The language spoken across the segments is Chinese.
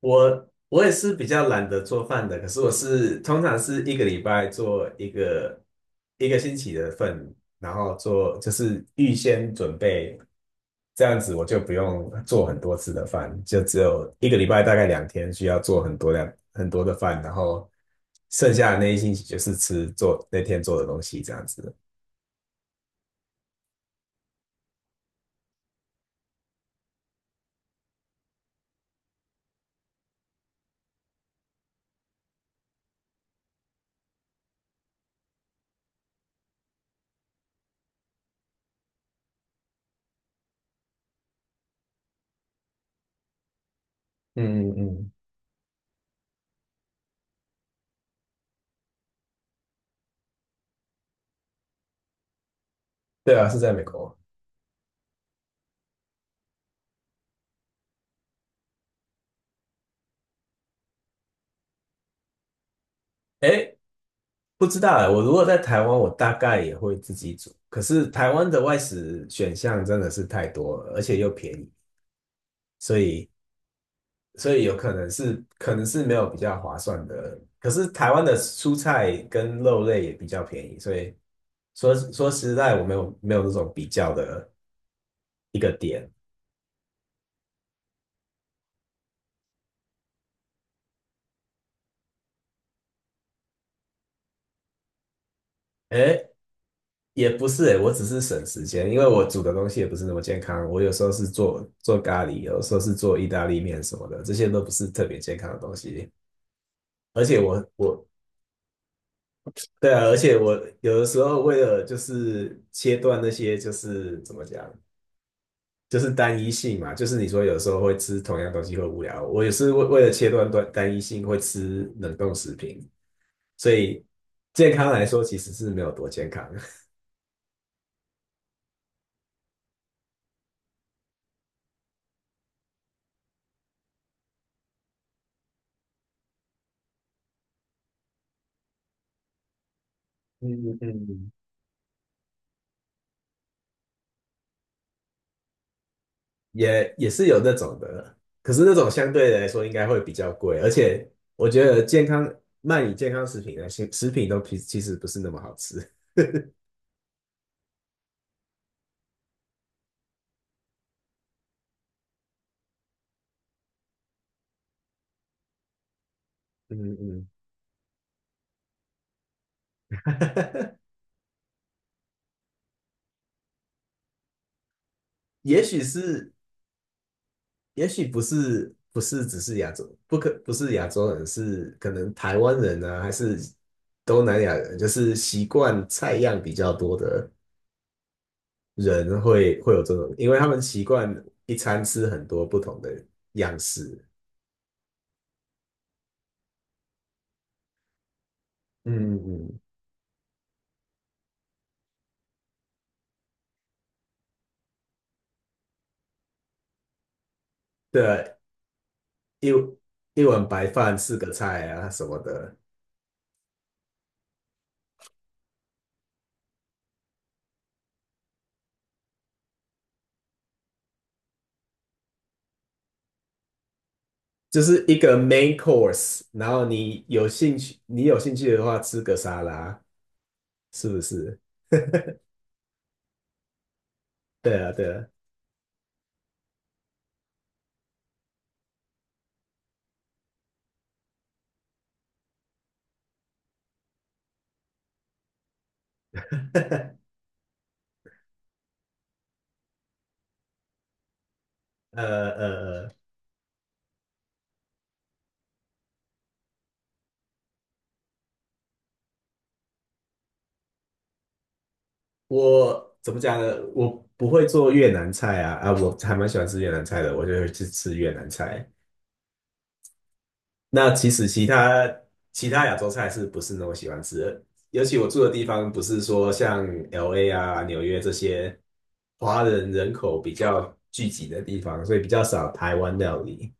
我也是比较懒得做饭的，可是我通常是一个礼拜做一个星期的份，然后做就是预先准备，这样子我就不用做很多次的饭，就只有一个礼拜大概两天需要做很多量很多的饭，然后剩下的那一星期就是吃做那天做的东西这样子。嗯嗯嗯，对啊，是在美国。哎，不知道哎，我如果在台湾，我大概也会自己煮。可是台湾的外食选项真的是太多了，而且又便宜，所以所以有可能是没有比较划算的。可是台湾的蔬菜跟肉类也比较便宜，所以说实在，我没有那种比较的一个点。哎，也不是哎，我只是省时间，因为我煮的东西也不是那么健康。我有时候是做咖喱，有时候是做意大利面什么的，这些都不是特别健康的东西。而且我对啊，而且我有的时候为了就是切断那些就是怎么讲，就是单一性嘛，就是你说有时候会吃同样东西会无聊，我也是为了切断单一性会吃冷冻食品，所以健康来说其实是没有多健康，嗯嗯，也是有那种的，可是那种相对来说应该会比较贵，而且我觉得卖你健康食品的食品都其实不是那么好吃。嗯嗯，也许是，也许不是只是亚洲，不是亚洲人，是可能台湾人啊，还是东南亚人，就是习惯菜样比较多的人会有这种，因为他们习惯一餐吃很多不同的样式。嗯嗯嗯，对，一一碗白饭四个菜啊什么的，就是一个 main course,然后你有兴趣的话吃个沙拉，是不是？对啊，对啊，呃呃。呃我怎么讲呢？我不会做越南菜啊，啊，我还蛮喜欢吃越南菜的，我就会去吃越南菜。那其实其他亚洲菜是不是那么喜欢吃的？尤其我住的地方不是说像 LA 啊、纽约这些华人人口比较聚集的地方，所以比较少台湾料理。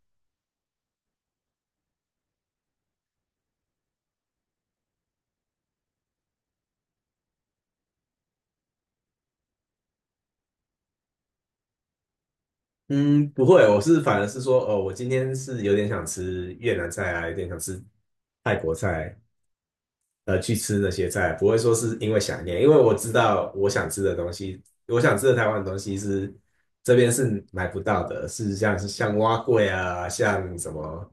嗯，不会，我是反而是说，哦，我今天是有点想吃越南菜啊，有点想吃泰国菜，去吃那些菜，不会说是因为想念，因为我知道我想吃的东西，我想吃的台湾的东西这边是买不到的，是像蛙桂啊，像什么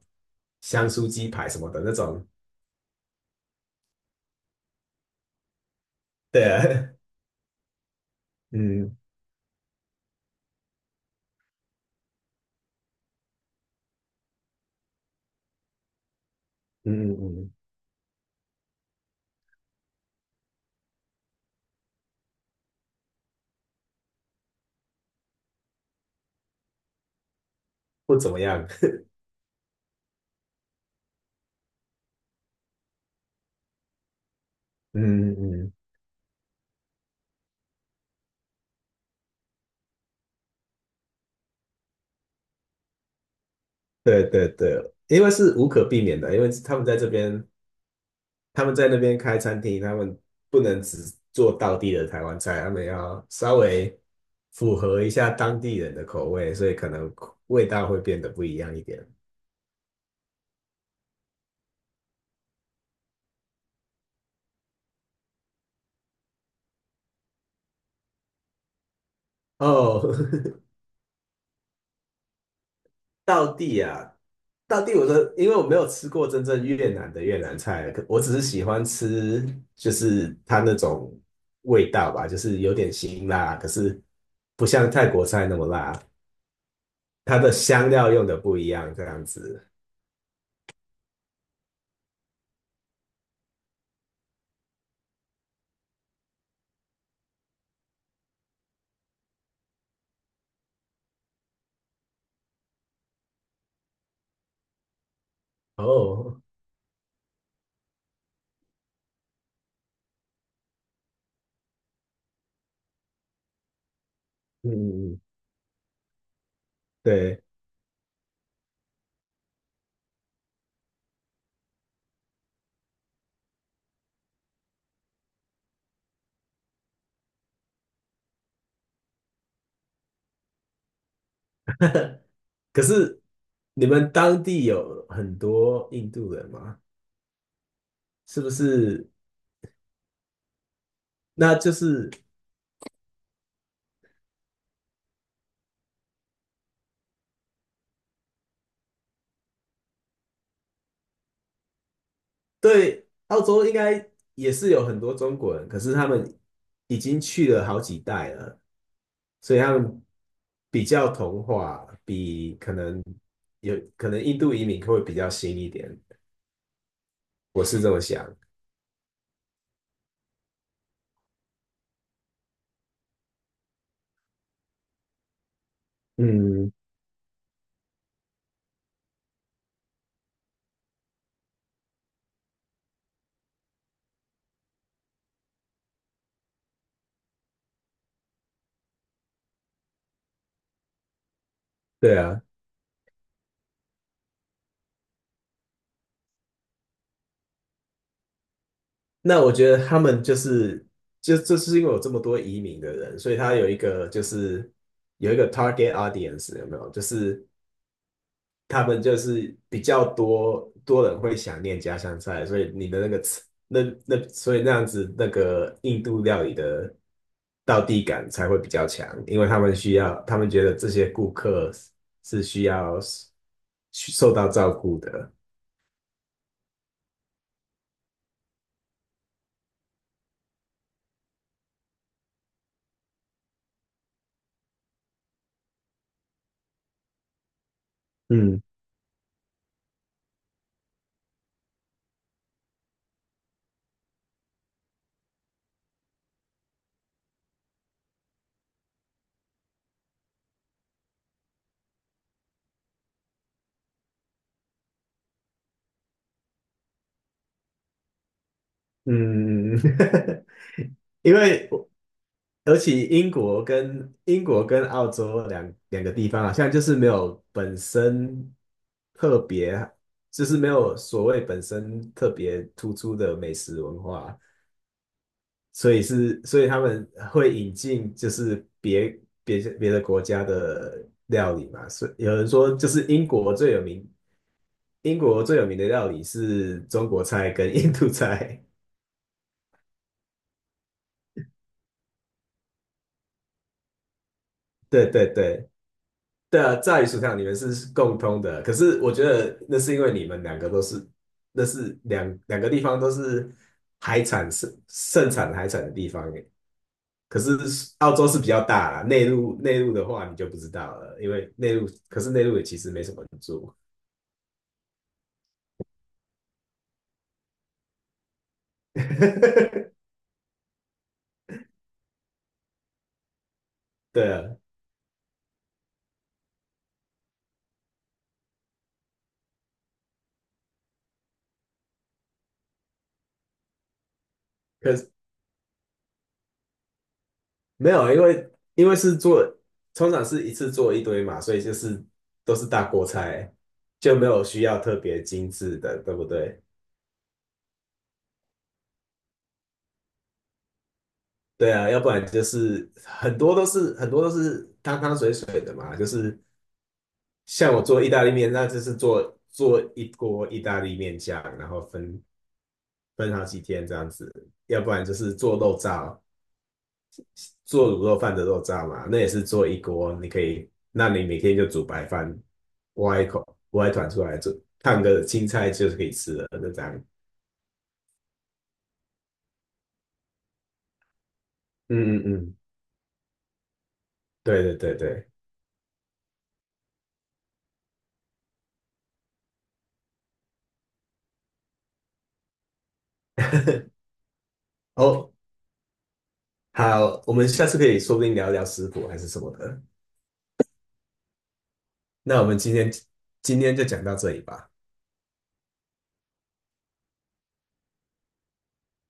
香酥鸡排什么的那种，对啊，嗯嗯，不怎么样，嗯嗯嗯，嗯对对对，因为是无可避免的，因为他们在那边开餐厅，他们不能只做道地的台湾菜，他们要稍微符合一下当地人的口味，所以可能味道会变得不一样一点。哦，道地啊，道地，我说，因为我没有吃过真正越南的越南菜，可我只是喜欢吃，就是它那种味道吧，就是有点辛辣，可是不像泰国菜那么辣，它的香料用的不一样，这样子。哦，嗯，嗯嗯对。可是你们当地有很多印度人吗？是不是？那就是对澳洲应该也是有很多中国人，可是他们已经去了好几代了，所以他们比较同化，可能有可能印度移民会比较新一点，我是这么想。嗯，对啊。那我觉得他们就是，就是因为有这么多移民的人，所以他有一个就是有一个 target audience 有没有？就是他们就是比较多人会想念家乡菜，所以你的那个吃那那所以那样子那个印度料理的道地感才会比较强，因为他们需要他们觉得这些顾客是需要受到照顾的。嗯嗯，因为尤其英国跟澳洲两个地方好像就是没有本身特别，就是没有所谓本身特别突出的美食文化，所以是所以他们会引进就是别的国家的料理嘛，所以有人说就是英国最有名的料理是中国菜跟印度菜，对对对。对啊，炸鱼薯条你们是共通的，可是我觉得那是因为你们两个都是，那是两个地方都是海产盛产海产的地方耶。可是澳洲是比较大啦，内陆的话你就不知道了，因为内陆可是内陆也其实没什么人住。对啊，可是没有，因为因为是做通常是一次做一堆嘛，所以就是都是大锅菜，就没有需要特别精致的，对不对？对啊，要不然就是很多都是汤汤水水的嘛，就是像我做意大利面，那就是做一锅意大利面酱，然后分好几天这样子，要不然就是做肉燥，做卤肉饭的肉燥嘛，那也是做一锅，你可以，那你每天就煮白饭，挖一口挖一团出来，煮，烫个青菜就是可以吃了，就这样。嗯嗯嗯，对对对对，哦，好，我们下次可以说不定聊聊食谱还是什么的。那我们今天就讲到这里吧。